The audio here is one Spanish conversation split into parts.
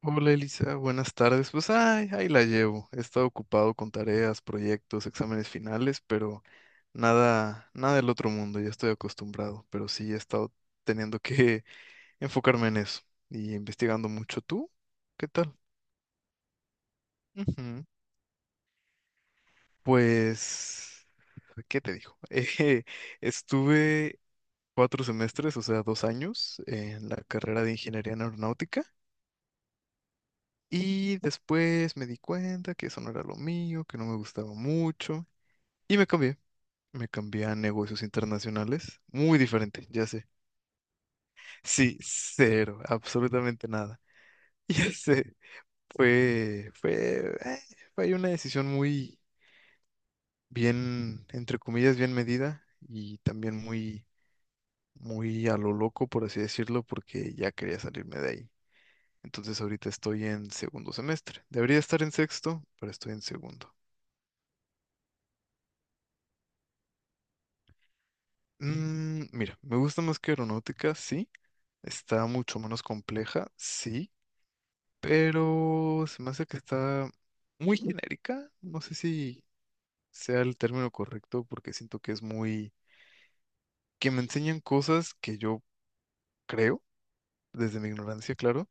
Hola Elisa, buenas tardes. Pues ay, ahí la llevo. He estado ocupado con tareas, proyectos, exámenes finales, pero nada, nada del otro mundo, ya estoy acostumbrado, pero sí he estado teniendo que enfocarme en eso y investigando mucho. ¿Tú? ¿Qué tal? Ujú. Pues, ¿qué te digo? Eh, estuve 4 semestres, o sea, 2 años en la carrera de ingeniería en aeronáutica y después me di cuenta que eso no era lo mío, que no me gustaba mucho. Y me cambié. Me cambié a negocios internacionales. Muy diferente, ya sé. Sí, cero, absolutamente nada. Ya sé. Fue, fue, eh, fue una decisión muy bien, entre comillas, bien medida y también muy, muy a lo loco, por así decirlo, porque ya quería salirme de ahí. Entonces ahorita estoy en segundo semestre. Debería estar en sexto, pero estoy en segundo. Mira, me gusta más que aeronáutica, sí. Está mucho menos compleja, sí, pero se me hace que está muy genérica. No sé si sea el término correcto porque siento que es muy... que me enseñan cosas que yo creo, desde mi ignorancia, claro,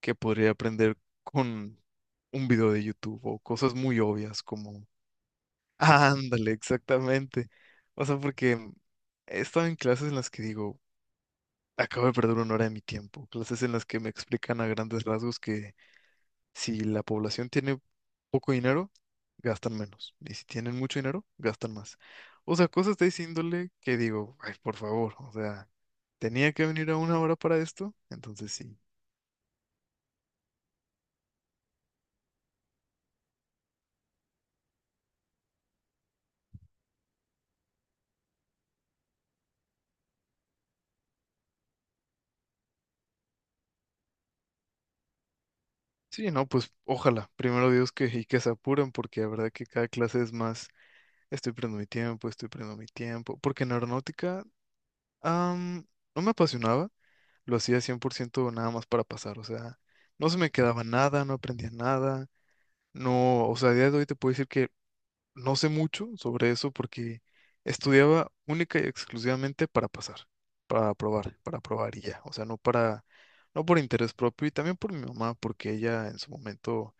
que podría aprender con un video de YouTube o cosas muy obvias como... Ándale, exactamente. O sea, porque he estado en clases en las que digo, acabo de perder una hora de mi tiempo, clases en las que me explican a grandes rasgos que... si la población tiene poco dinero, gastan menos. Y si tienen mucho dinero, gastan más. O sea, cosas de esa índole que digo, ay, por favor, o sea, tenía que venir a una hora para esto, entonces sí. Sí, no, pues ojalá, primero Dios, que y que se apuren, porque la verdad que cada clase es más, estoy perdiendo mi tiempo, estoy perdiendo mi tiempo, porque en aeronáutica am, no me apasionaba, lo hacía 100% nada más para pasar, o sea, no se me quedaba nada, no aprendía nada, no, o sea, a día de hoy te puedo decir que no sé mucho sobre eso porque estudiaba única y exclusivamente para pasar, para aprobar y ya. O sea, no para, no por interés propio y también por mi mamá, porque ella en su momento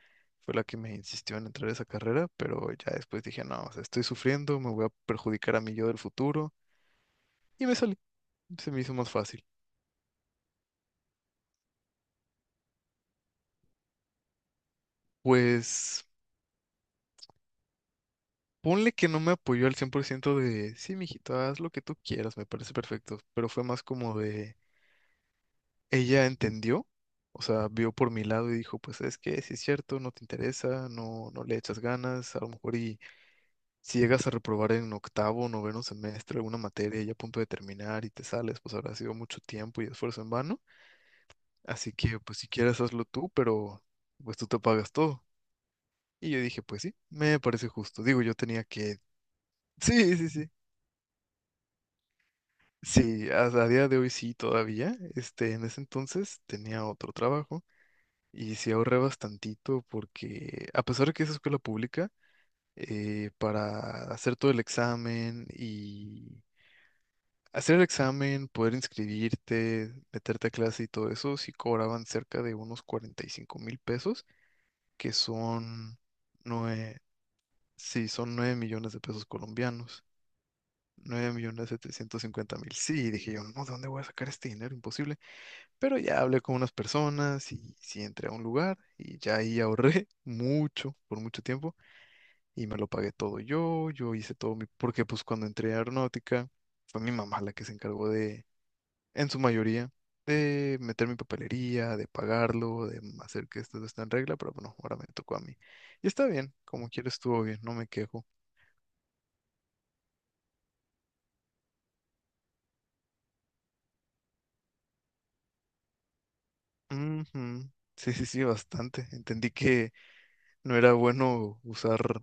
fue la que me insistió en entrar a esa carrera, pero ya después dije, no, o sea, estoy sufriendo, me voy a perjudicar a mi yo del futuro y me salí. Se me hizo más fácil. Pues ponle que no me apoyó al 100% de, sí, mijito, haz lo que tú quieras, me parece perfecto, pero fue más como de... ella entendió, o sea, vio por mi lado y dijo, pues es que si es cierto, no te interesa, no, no le echas ganas, a lo mejor y si llegas a reprobar en octavo, noveno semestre alguna materia ya a punto de terminar y te sales, pues habrá sido mucho tiempo y esfuerzo en vano, así que pues si quieres hazlo tú, pero pues tú te pagas todo. Y yo dije, pues sí, me parece justo, digo, yo tenía que... Sí, sí, sí. Sí, hasta a día de hoy sí todavía. En ese entonces tenía otro trabajo. Y sí ahorré bastantito porque a pesar de que es escuela pública, para hacer todo el examen y hacer el examen, poder inscribirte, meterte a clase y todo eso, sí cobraban cerca de unos 45 mil pesos, que son nueve, sí, son 9 millones de pesos colombianos. 9,750,000. Sí, dije yo, no, ¿de dónde voy a sacar este dinero? Imposible. Pero ya hablé con unas personas y sí entré a un lugar y ya ahí ahorré mucho, por mucho tiempo, y me lo pagué todo yo, yo hice todo mi, porque pues cuando entré a aeronáutica fue mi mamá la que se encargó de, en su mayoría, de meter mi papelería, de pagarlo, de hacer que esto no esté en regla, pero bueno, ahora me tocó a mí. Y está bien, como quieres estuvo bien, no me quejo. Ujú. Sí, sí, sí, bastante. Entendí que no era bueno usar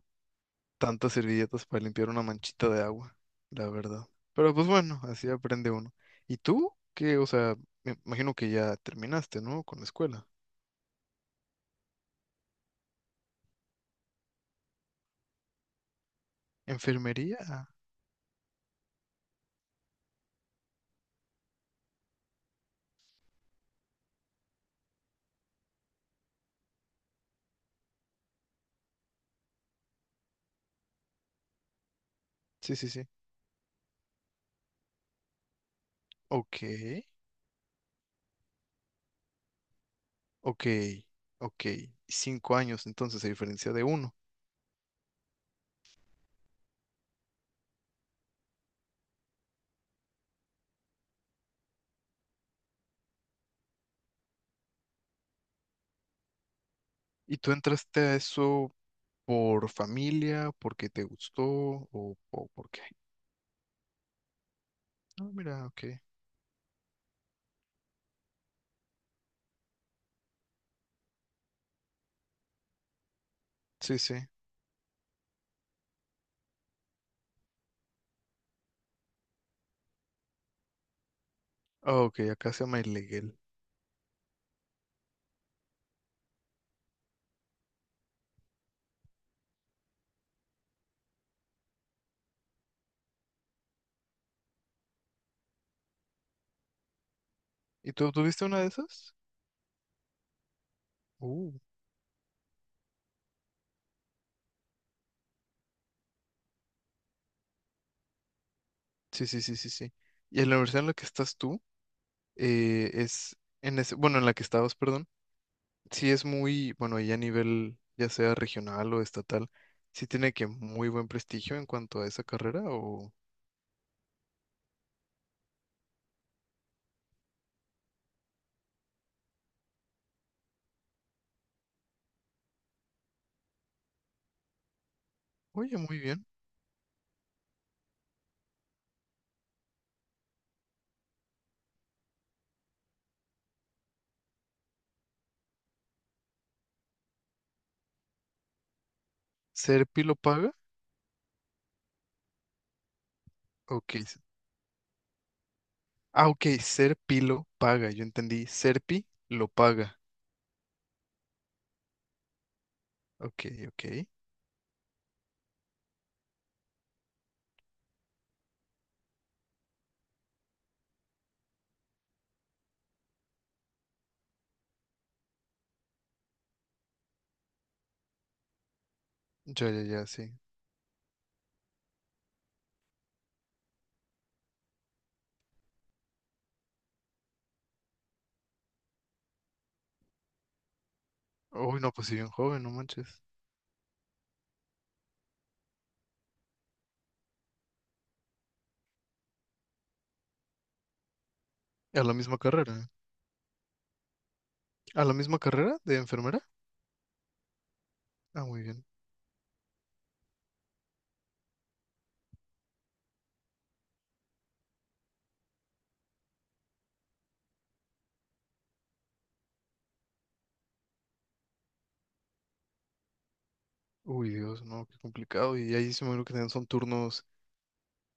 tantas servilletas para limpiar una manchita de agua, la verdad. Pero pues bueno, así aprende uno. ¿Y tú? ¿Qué? O sea, me imagino que ya terminaste, ¿no? Con la escuela. ¿Enfermería? Ah, sí, sí, sí. Ok, ok, ok. 5 años entonces, a diferencia de uno. ¿Y tú entraste a eso por familia, porque te gustó o por qué? Ah, mira, ok. Sí, sí. Ah, ok, acá se llama ilegal. ¿Y tú tuviste una de esas? Uh. Sí, sí, sí, sí, sí. Y en la universidad en la que estás tú, es, en ese, bueno, en la que estabas, perdón, sí es muy, bueno, y a nivel ya sea regional o estatal, sí tiene que muy buen prestigio en cuanto a esa carrera o, oye, muy bien. ¿Serpi lo paga? Ok. Ah, ok, Serpi lo paga, yo entendí, Serpi lo paga. Ok, ok. Ya, ya, ya, sí. Uy, no, pues sí, bien joven, no manches. ¿A la misma carrera? ¿A la misma carrera de enfermera? Ah, muy bien. Uy, Dios, no, qué complicado. Y ahí se me lo que tienen son turnos,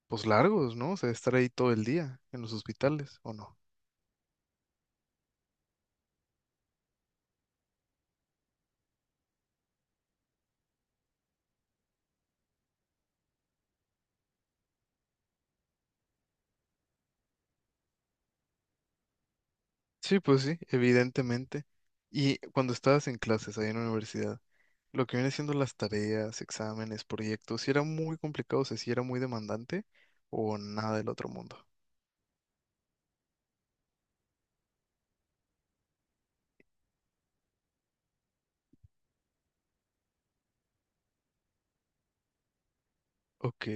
pues largos, ¿no? O sea, estar ahí todo el día en los hospitales, ¿o no? Sí, pues sí, evidentemente. Y cuando estabas en clases ahí en la universidad, lo que viene siendo las tareas, exámenes, proyectos, si era muy complicado, o sea, si era muy demandante o nada del otro mundo. Ok,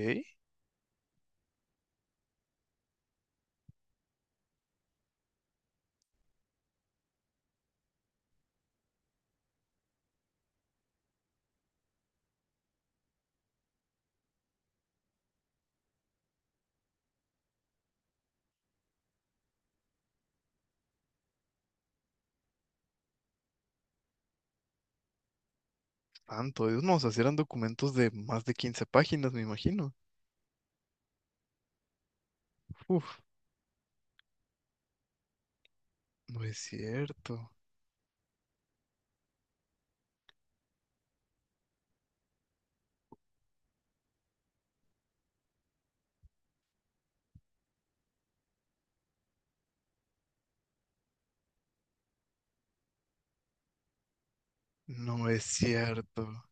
tanto, Dios, no, o sea, si eran documentos de más de 15 páginas, me imagino. Uf, no es cierto, no es cierto.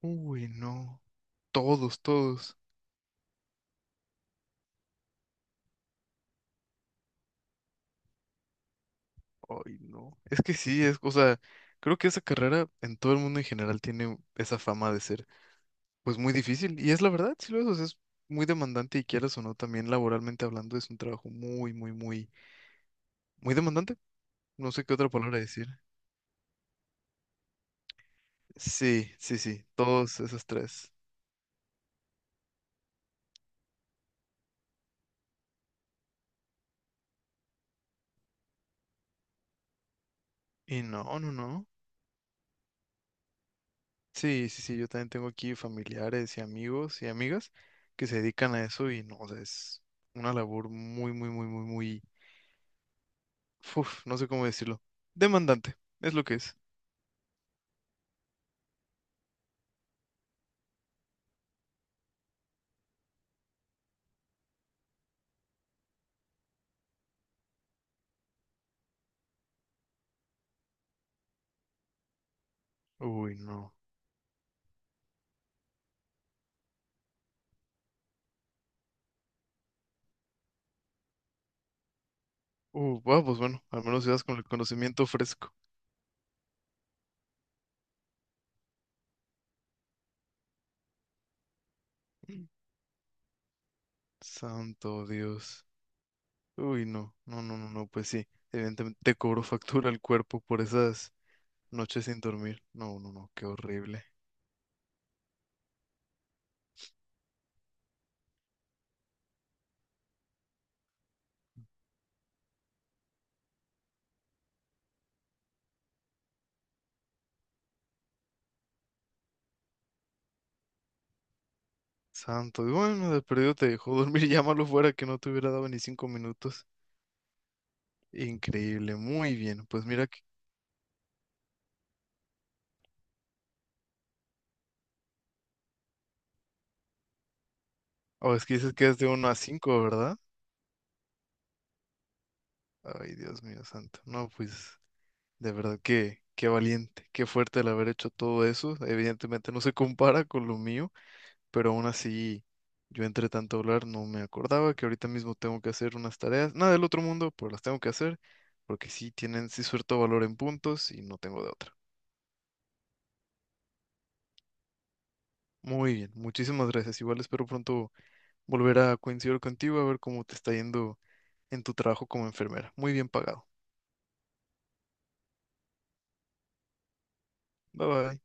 Uy, no, todos, todos. Ay, no. Es que sí, es, o sea, creo que esa carrera en todo el mundo en general tiene esa fama de ser, pues, muy difícil. Y es la verdad, sí lo es, o sea, es muy demandante y quieras o no, también laboralmente hablando, es un trabajo muy, muy, muy, muy demandante. No sé qué otra palabra decir. Sí, sí, sí, todos esos tres. Y no, no, no. Sí, sí, sí, yo también tengo aquí familiares y amigos y amigas que se dedican a eso y no, o sea, es una labor muy, muy, muy, muy, muy, uf, no sé cómo decirlo. Demandante, es lo que es. Uy, no. Bueno, pues bueno, al menos ibas con el conocimiento fresco. Santo Dios. Uy, no, no, no, no, no, pues sí. Evidentemente te cobró factura el cuerpo por esas noches sin dormir. No, no, no, qué horrible. Santo Dios. Bueno, de perdido te dejó dormir, llámalo fuera que no te hubiera dado ni 5 minutos. Increíble, muy bien. Pues mira que. Oh, es que dices que es de uno a cinco, ¿verdad? Ay, Dios mío santo. No, pues. De verdad que qué valiente, qué fuerte el haber hecho todo eso. Evidentemente no se compara con lo mío, pero aún así yo entre tanto hablar no me acordaba que ahorita mismo tengo que hacer unas tareas, nada del otro mundo, pero las tengo que hacer porque sí tienen, sí suelto valor en puntos y no tengo de otra. Muy bien, muchísimas gracias. Igual espero pronto volver a coincidir contigo a ver cómo te está yendo en tu trabajo como enfermera. Muy bien pagado. Bye bye.